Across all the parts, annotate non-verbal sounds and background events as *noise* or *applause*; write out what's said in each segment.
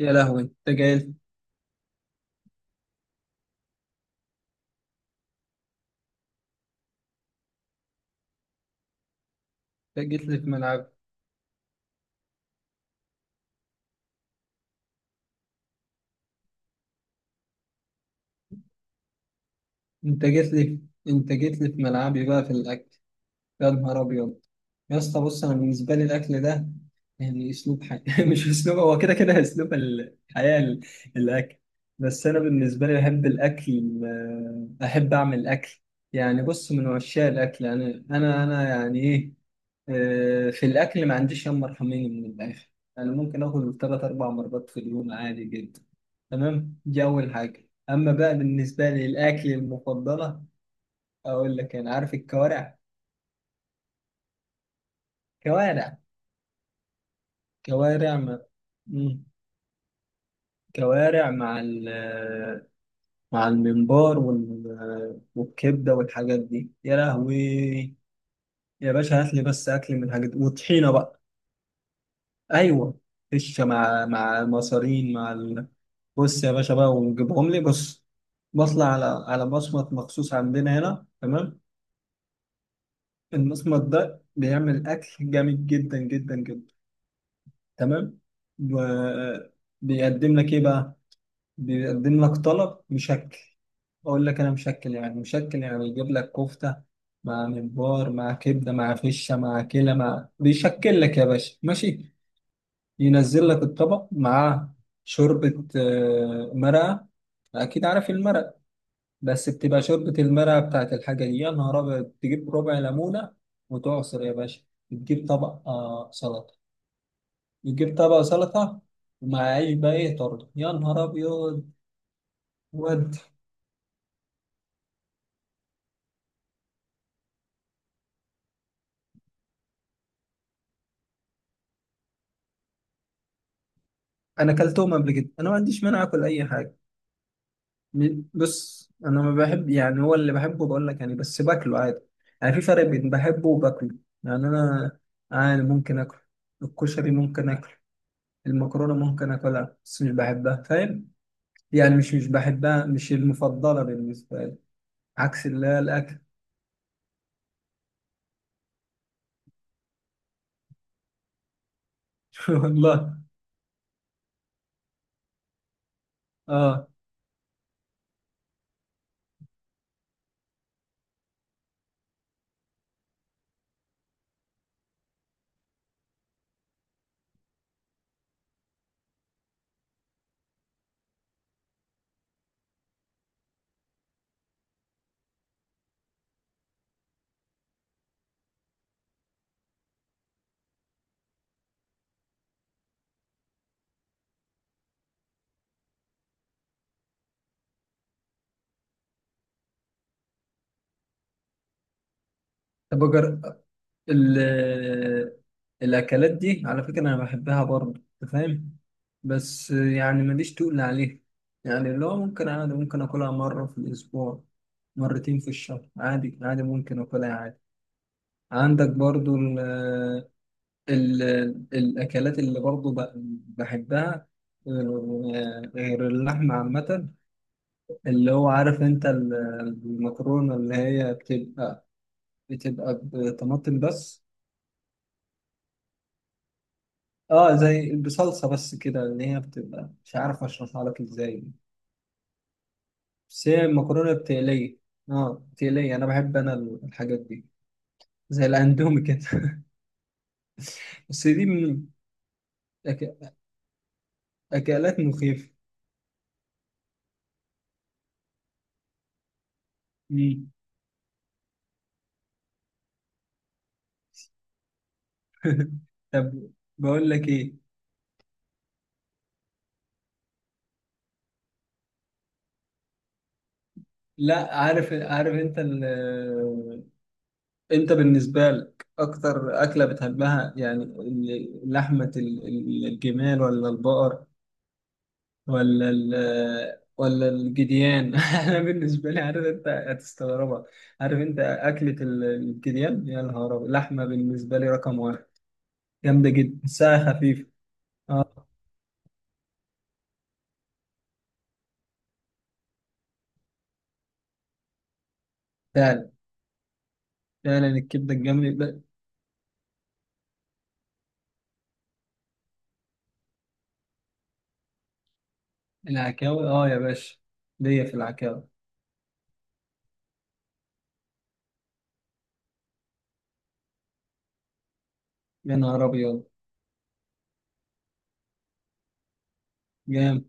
يا لهوي! انت جاي؟ انت جيت لي في ملعب انت جيت لي انت جيت لي في ملعبي بقى في الاكل. يا نهار أبيض! يا اسطى، بص، أنا بالنسبة لي الأكل ده يعني أسلوب حياة *laughs* مش أسلوب، هو كده كده أسلوب الحياة الأكل. بس أنا بالنسبة لي بحب الأكل، أحب أعمل أكل. يعني بص، من عشاق الأكل أنا يعني إيه. في الأكل ما عنديش يوم مرحمين من الآخر. أنا ممكن آكل تلات أربع مرات في اليوم عادي جدا. تمام، دي أول حاجة. أما بقى بالنسبة لي الأكل المفضلة، أقول لك، أنا عارف الكوارع. كوارع كوارع مع... مم. كوارع مع مع الممبار وال... والكبدة والحاجات دي، يا لهوي! يا باشا هات لي بس أكل من الحاجات دي وطحينة بقى. أيوة. فشة مع المصارين مع... ال... بص يا باشا بقى، ونجيبهم لي. بص، بطلع على مصمت مخصوص عندنا هنا، تمام. المصمت ده بيعمل أكل جامد جدا جدا جدا. تمام، وبيقدم لك إيه بقى؟ بيقدم لك طلب مشكل. اقول لك انا، مشكل يعني مشكل يعني يجيب لك كفته مع ممبار مع كبده مع فشه مع كلى، مع بيشكل لك يا باشا، ماشي. ينزل لك الطبق مع شوربه، مرقه. اكيد عارف المرق. بس بتبقى شوربه المرقه بتاعت الحاجه دي، يا نهار ابيض، تجيب ربع ليمونه وتعصر يا باشا. تجيب طبق سلطه، يجيب طبق سلطه. ومع عيش بقى ايه، طرد يا نهار ابيض. ودي، انا كلتهم قبل كده، انا ما عنديش مانع اكل اي حاجه. بص، انا ما بحب، يعني هو اللي بحبه بقول لك، يعني بس باكله عادي. يعني في فرق بين بحبه وباكله. يعني انا عادي ممكن اكل، الكشري ممكن اكل، المكرونه ممكن اكلها بس مش بحبها، فاهم. يعني مش بحبها، مش المفضله بالنسبه لي. عكس اللي هي الاكل. *laughs* والله. اه. طب أجرب. ال- الأكلات دي على فكرة أنا بحبها برضه، أنت فاهم. بس يعني ماليش تقول عليها. يعني اللي هو ممكن عادي ممكن آكلها مرة في الأسبوع، مرتين في الشهر، عادي عادي ممكن آكلها عادي. عندك برضه ال الأكلات اللي برضه بحبها، غير، غير اللحمة عامة. اللي هو عارف أنت المكرونة اللي هي بتبقى بطماطم بس. اه، زي بصلصه بس كده، ان هي بتبقى مش عارف اشرحها لك ازاي. بس هي المكرونه بتقليه. اه، بتقليه، انا بحب انا الحاجات دي، زي الاندومي كده. *laughs* بس دي من أك... اكلات مخيفه. مم. *laughs* طب، بقول لك ايه. لا، عارف، عارف انت... ال... انت بالنسبه لك اكتر اكله بتحبها، يعني لحمه الجمال، ولا البقر، ولا ال، ولا الجديان؟ *laughs* انا بالنسبه لي، عارف انت هتستغربها، عارف انت اكله الجديان، يا نهار أبيض. لحمه بالنسبه لي رقم واحد. جامده جدا، ساعه خفيفه. اه، فعلا، فعلا الكبده الجامده ب-. العكاوي اه يا باشا، ليا في العكاوي. يا نهار ابيض! جامد.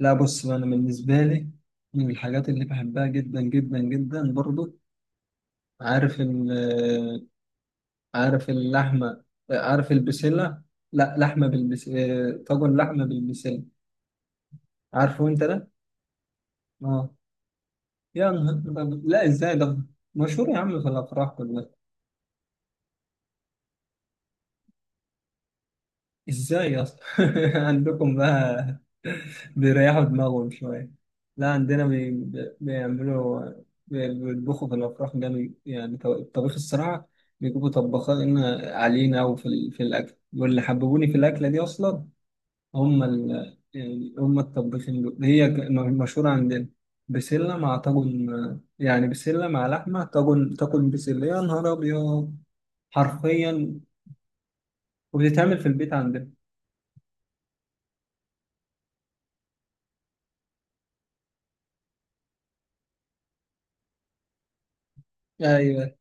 لا بص بقى، انا بالنسبه لي من الحاجات اللي بحبها جدا جدا جدا برضو، عارف، عارف اللحمة، عارف البسلة. لا، لحمة بالبس آه، طاجن لحمة بالبسلة. عارفه انت ده؟ اه، يا نهار أبيض. لا ازاي ده مشهور يا عم، في الافراح كلها. ازاي اصلا؟ *laughs* عندكم بقى بيريحوا دماغهم شوية. لا، عندنا بيعملوا، بيطبخوا في الافراح جامد، يعني الطبيخ الصراحة، بيجيبوا طباخين علينا. وفي ال... في الاكل، واللي حببوني في الاكلة دي اصلا، هم ال... يعني هم الطباخين دول، هي مشهورة عندنا. بسلة مع طاجن، يعني بسلة مع لحمة، طاجن، طاجن بسلة، يا نهار أبيض! حرفيا، وبتتعمل في البيت عندنا. أيوه.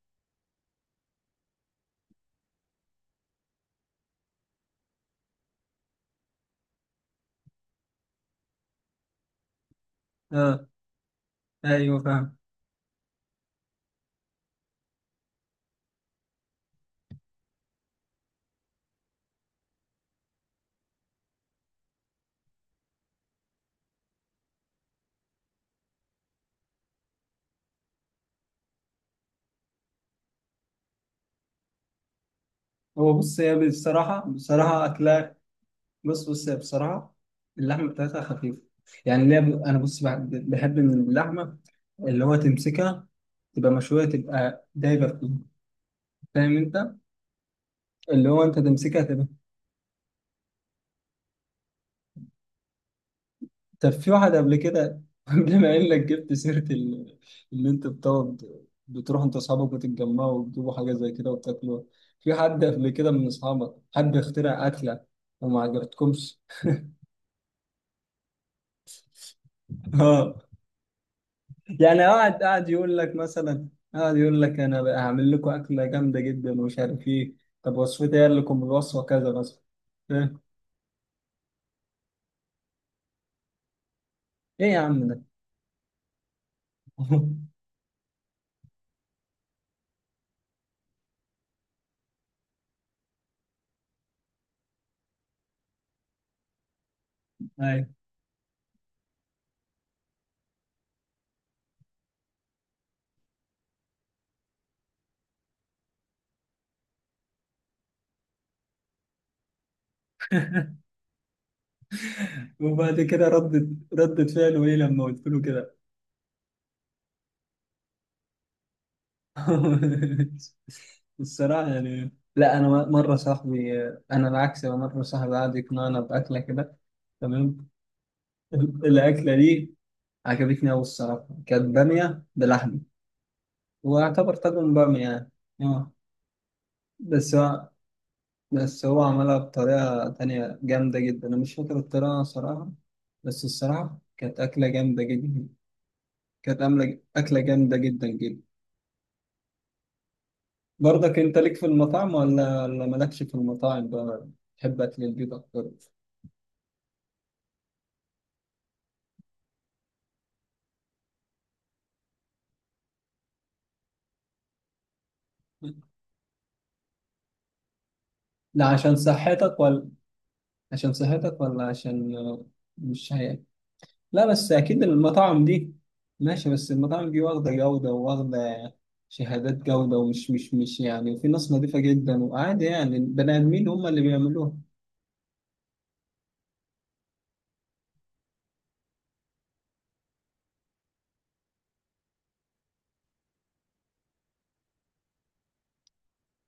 آه. أيوه، فاهم. هو بص، هي بصراحة أكلها. بص هي بصراحة، اللحمة بتاعتها خفيفة. يعني اللي هي ب- أنا بص بحب من اللحمة اللي هو تمسكها، تبقى مشوية، تبقى دايبة فيها، فاهم أنت؟ اللي هو أنت تمسكها تبقى. طب في واحد قبل كده، *laughs* بما انك جبت سيره اللي انت بتقعد، بتروح انت واصحابك وتتجمعوا وتجيبوا حاجه زي كده وتاكلوا، في حد قبل كده من اصحابك حد اخترع اكله وما عجبتكمش؟ *laughs* اه. يعني قاعد يقول لك مثلا، قاعد يقول لك انا بقى هعمل لكم اكله جامده جدا ومش عارف ايه، طب وصفتي؟ قال لكم الوصفه كذا مثلا، فاهم؟ ايه يا عم ده؟ *laughs* ايوه. وبعد كده ردت، ردت فعله ايه لما قلت له كده؟ *laughs* الصراحة يعني، لا أنا مرة صاحبي، أنا العكس، أنا مرة صاحبي قعد يقنعنا بأكلة كده، تمام. *laughs* الأكلة دي عجبتني أوي الصراحة، كانت بامية بلحمة، واعتبر طاجن بامية يعني. أه. بس هو بس هو عملها بطريقة تانية جامدة جدا، أنا مش فاكر الطريقة صراحة. بس الصراحة كانت أكلة جامدة جدا، كانت عاملة أكلة جامدة جدا جدا. برضك انت ليك في المطاعم، ولا مالكش في المطاعم بقى؟ تحب اكل البيت اكتر؟ لا عشان صحتك، ولا عشان صحتك، ولا عشان مش هي. لا بس اكيد المطاعم دي ماشي، بس المطاعم دي واخده جوده، وواخده شهادات جوده، ومش مش يعني، وفي ناس نظيفه جدا، وعادي يعني البني ادمين هم اللي بيعملوها.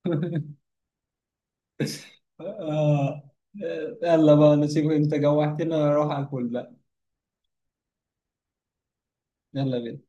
*laughs* آه. يلا بقى نسيبك، انت جوعتنا، اروح اكل بقى. يلا بينا.